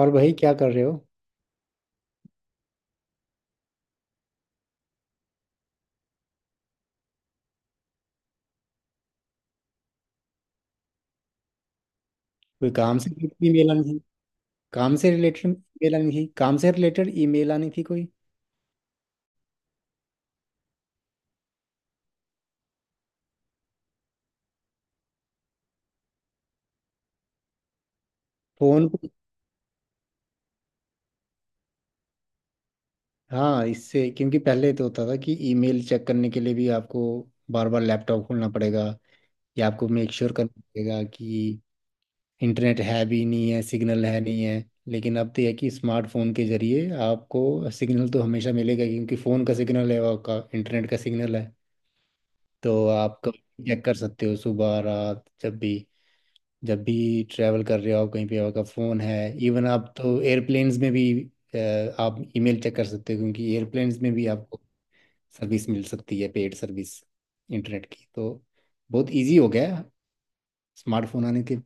और भाई, क्या कर रहे हो? कोई काम से रिलेटेड ईमेल आनी थी काम से रिलेटेड ईमेल आनी थी कोई। फोन पे? हाँ, इससे क्योंकि पहले तो होता था कि ईमेल चेक करने के लिए भी आपको बार बार लैपटॉप खोलना पड़ेगा, या आपको मेक श्योर करना पड़ेगा कि इंटरनेट है भी नहीं है, सिग्नल है नहीं है। लेकिन अब तो यह है कि स्मार्टफोन के जरिए आपको सिग्नल तो हमेशा मिलेगा, क्योंकि फ़ोन का सिग्नल है और का इंटरनेट का सिग्नल है। तो आप कभी चेक कर सकते हो, सुबह रात, जब भी ट्रैवल कर रहे हो, आप कहीं पे आपका फ़ोन है। इवन आप तो एयरप्लेन्स में भी आप ईमेल चेक कर सकते हो, क्योंकि एयरप्लेन्स में भी आपको सर्विस मिल सकती है, पेड सर्विस, इंटरनेट की। तो बहुत इजी हो गया है स्मार्टफोन आने के।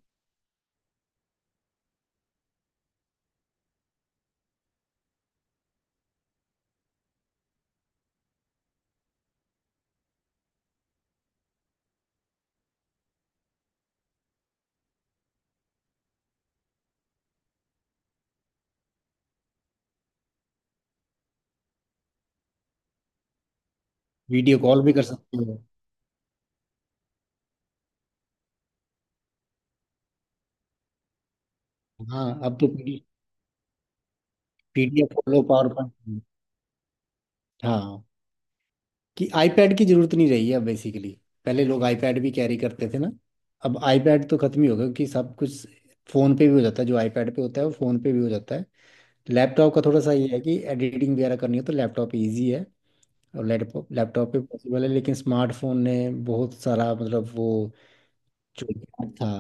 वीडियो कॉल भी कर सकते हो। हाँ, अब तो PDF खोलो, पावर पॉइंट। हाँ, कि आईपैड की जरूरत नहीं रही है अब बेसिकली। पहले लोग आईपैड भी कैरी करते थे ना। अब आईपैड तो खत्म ही हो गया, क्योंकि सब कुछ फ़ोन पे भी हो जाता है। जो आईपैड पे होता है वो फ़ोन पे भी हो जाता है। लैपटॉप का थोड़ा सा ये है कि एडिटिंग वगैरह करनी हो तो लैपटॉप इजी है, और लैपटॉप लैपटॉप पे पॉसिबल है। लेकिन स्मार्टफोन ने बहुत सारा मतलब वो जो gap था।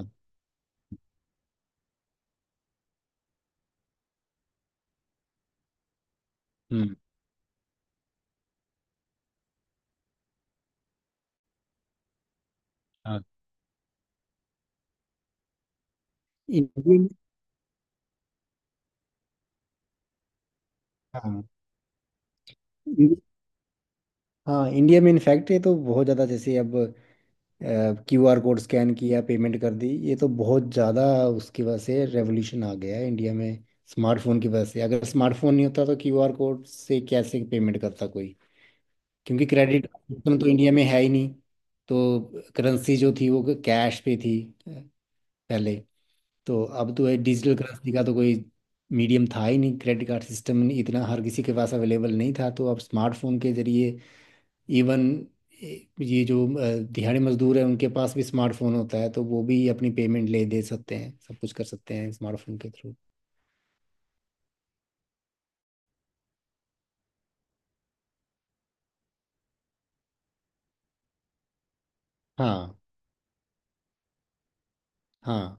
हम्म। हाँ। इंडियन हाँ। इंडिया हाँ, इंडिया में इनफैक्ट ये तो बहुत ज़्यादा, जैसे अब QR कोड स्कैन किया, पेमेंट कर दी। ये तो बहुत ज़्यादा उसकी वजह से रेवोल्यूशन आ गया है इंडिया में, स्मार्टफोन की वजह से। अगर स्मार्टफोन नहीं होता तो QR कोड से कैसे पेमेंट करता कोई? क्योंकि क्रेडिट सिस्टम तो इंडिया में है ही नहीं। तो करेंसी जो थी वो कैश पे थी पहले। तो अब तो है, डिजिटल करेंसी का तो कोई मीडियम था ही नहीं, क्रेडिट कार्ड सिस्टम इतना हर किसी के पास अवेलेबल नहीं था। तो अब स्मार्टफोन के जरिए इवन ये जो दिहाड़ी मजदूर है, उनके पास भी स्मार्टफोन होता है, तो वो भी अपनी पेमेंट ले दे सकते हैं, सब कुछ कर सकते हैं स्मार्टफोन के थ्रू। हाँ, हाँ,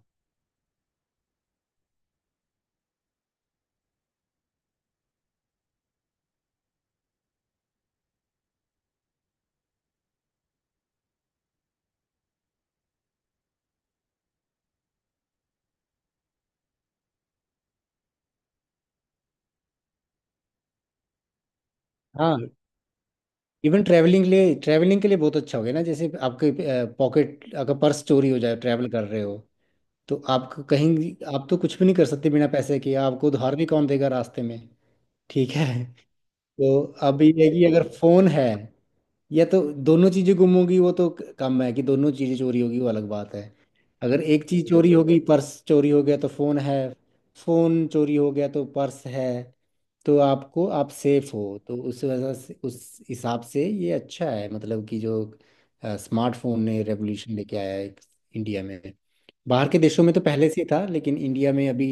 हाँ। इवन ट्रैवलिंग के लिए बहुत अच्छा हो गया ना, जैसे आपके पॉकेट, अगर पर्स चोरी हो जाए ट्रैवल कर रहे हो, तो आप तो कुछ भी नहीं कर सकते बिना पैसे के, आपको उधार भी कौन देगा रास्ते में? ठीक है तो अब ये है कि अगर फोन है, या तो दोनों चीजें गुम होगी, वो तो कम है कि दोनों चीजें चोरी होगी, वो अलग बात है। अगर एक चीज चोरी होगी, पर्स चोरी हो गया तो फोन है, फोन चोरी हो गया तो पर्स है, तो आपको आप सेफ हो। तो उस वजह से, उस हिसाब से ये अच्छा है, मतलब कि जो स्मार्टफोन ने रेवोल्यूशन लेके आया है इंडिया में। बाहर के देशों में तो पहले से ही था, लेकिन इंडिया में अभी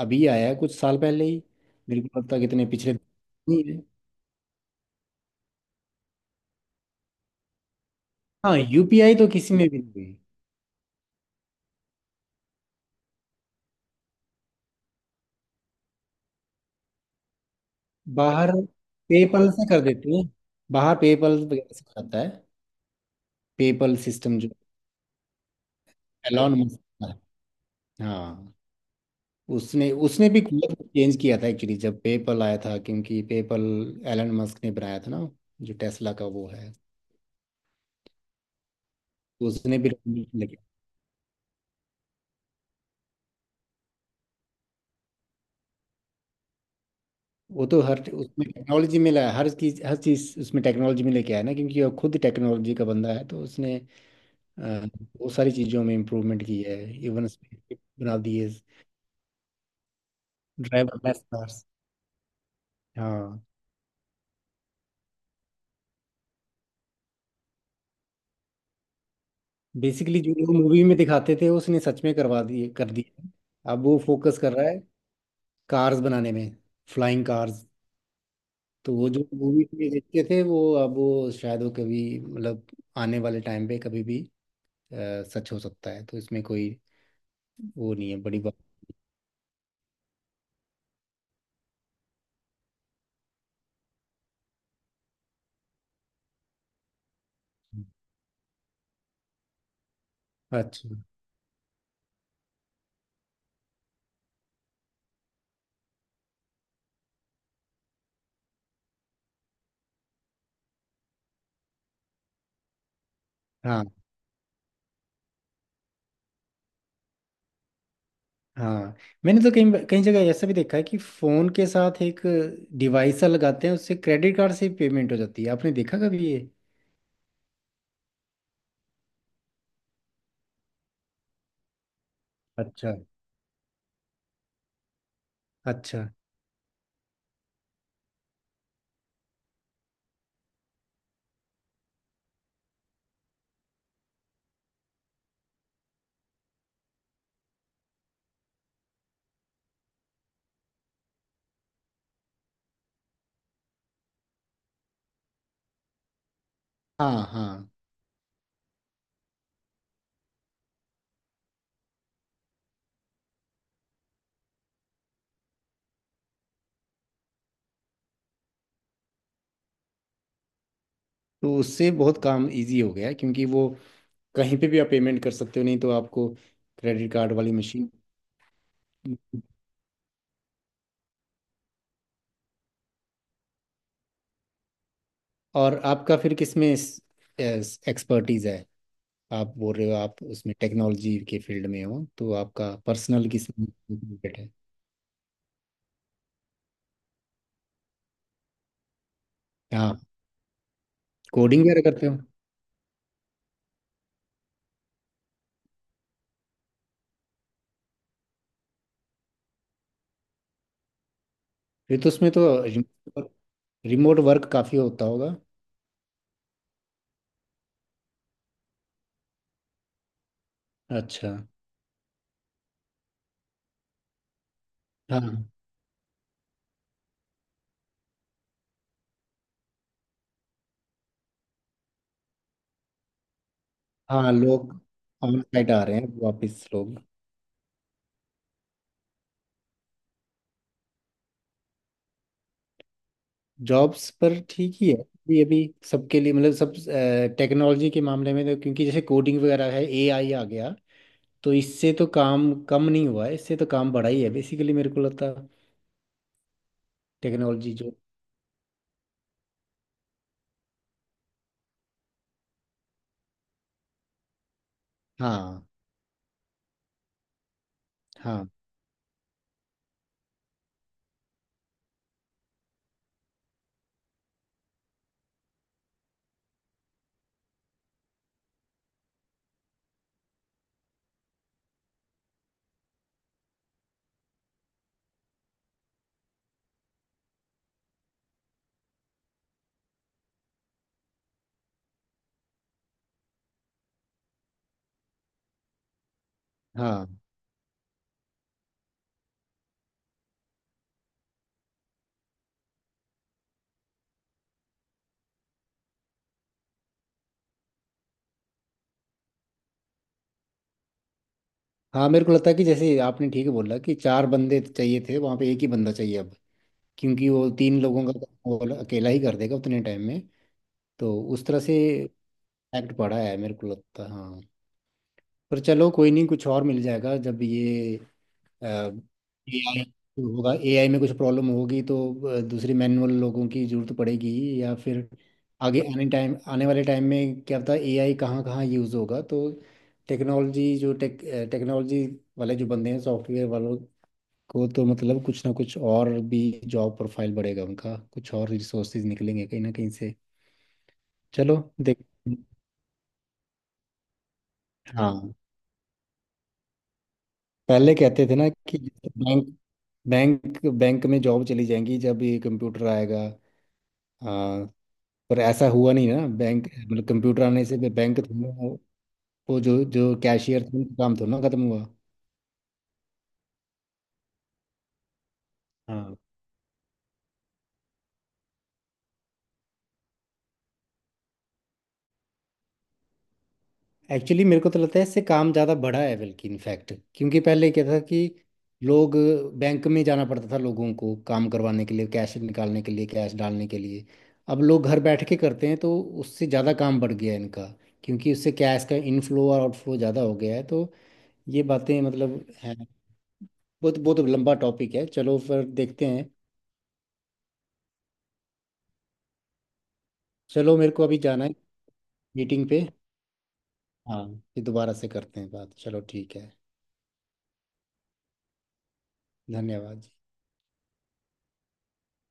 अभी आया है, कुछ साल पहले ही। मेरे को लगता है कितने पिछले नहीं है। हाँ, UPI तो किसी में भी नहीं है। बाहर पेपल से कर देते हैं, बाहर पेपल वगैरह से करता है। पेपल सिस्टम जो एलॉन मस्क का है। हाँ, उसने उसने भी कलर चेंज किया था एक्चुअली जब पेपल आया था, क्योंकि पेपल एलन मस्क ने बनाया था ना, जो टेस्ला का वो है। तो उसने भी revolution लेके, वो तो हर उसमें टेक्नोलॉजी में लाया, हर चीज उसमें टेक्नोलॉजी में लेके आया ना, क्योंकि वो खुद टेक्नोलॉजी का बंदा है, तो उसने अ, बहुत सारी चीजों में इम्प्रूवमेंट की है। इवन स्पेसशिप बना दिए, ड्राइवरलेस कार्स। हाँ, बेसिकली जो लोग मूवी में दिखाते थे, उसने सच में करवा दिए, कर दिए। अब वो फोकस कर रहा है कार्स बनाने में, फ्लाइंग कार्स। तो वो जो मूवी में देखते थे, वो अब वो शायद वो कभी मतलब आने वाले टाइम पे कभी भी सच हो सकता है, तो इसमें कोई वो नहीं है बड़ी बात। नहीं। अच्छा। हाँ, हाँ। मैंने तो कहीं कई जगह ऐसा भी देखा है कि फोन के साथ एक डिवाइस सा लगाते हैं, उससे क्रेडिट कार्ड से पेमेंट हो जाती है। आपने देखा कभी ये? अच्छा, अच्छा। हाँ, हाँ। तो उससे बहुत काम इजी हो गया है, क्योंकि वो कहीं पे भी आप पेमेंट कर सकते हो, नहीं तो आपको क्रेडिट कार्ड वाली मशीन। और आपका फिर किसमें एक्सपर्टीज है? आप बोल रहे हो आप उसमें टेक्नोलॉजी के फील्ड में हो, तो आपका पर्सनल किसमें related है? हाँ, कोडिंग वगैरह करते हो? फिर तो उसमें तो रिमोट वर्क काफी होता होगा। अच्छा। हाँ, हाँ, लोग ऑन साइट आ रहे हैं वापस, लोग। जॉब्स पर ठीक ही है अभी अभी, सबके लिए मतलब सब टेक्नोलॉजी के मामले में, तो क्योंकि जैसे कोडिंग वगैरह है, AI आ गया, तो इससे तो काम कम नहीं हुआ है, इससे तो काम बढ़ा ही है बेसिकली, मेरे को लगता टेक्नोलॉजी जो। हाँ, हाँ, हाँ, हाँ, मेरे को लगता है कि जैसे आपने ठीक बोला कि चार बंदे चाहिए थे वहाँ पे, एक ही बंदा चाहिए अब, क्योंकि वो तीन लोगों का काम वो वाला अकेला ही कर देगा उतने टाइम में। तो उस तरह से एक्ट पड़ा है, मेरे को लगता है। हाँ, पर चलो, कोई नहीं, कुछ और मिल जाएगा जब ये AI होगा, AI में कुछ प्रॉब्लम होगी तो दूसरे मैनुअल लोगों की जरूरत पड़ेगी, या फिर आगे आने वाले टाइम में क्या पता AI कहाँ कहाँ यूज़ होगा। तो टेक्नोलॉजी जो टेक टेक्नोलॉजी वाले जो बंदे हैं, सॉफ्टवेयर वालों को तो मतलब कुछ ना कुछ और भी जॉब प्रोफाइल बढ़ेगा उनका, कुछ और रिसोर्सेज निकलेंगे कहीं ना कहीं से। चलो। देख। हाँ, पहले कहते थे ना कि बैंक बैंक बैंक में जॉब चली जाएंगी जब ये कंप्यूटर आएगा, पर ऐसा हुआ नहीं ना। बैंक मतलब कंप्यूटर आने से भी बैंक थोड़ा वो जो जो कैशियर थे उनका काम थोड़ा ना खत्म हुआ। हाँ, एक्चुअली मेरे को तो लगता है इससे काम ज़्यादा बढ़ा है बल्कि इनफैक्ट, क्योंकि पहले क्या था कि लोग बैंक में जाना पड़ता था लोगों को, काम करवाने के लिए, कैश निकालने के लिए, कैश डालने के लिए। अब लोग घर बैठ के करते हैं, तो उससे ज़्यादा काम बढ़ गया है इनका, क्योंकि उससे कैश का इनफ्लो और आउटफ्लो ज़्यादा हो गया है। तो ये बातें मतलब हैं, बहुत बहुत लंबा टॉपिक है, चलो फिर देखते हैं। चलो, मेरे को अभी जाना है मीटिंग पे। हाँ, फिर दोबारा से करते हैं बात, चलो ठीक है। धन्यवाद।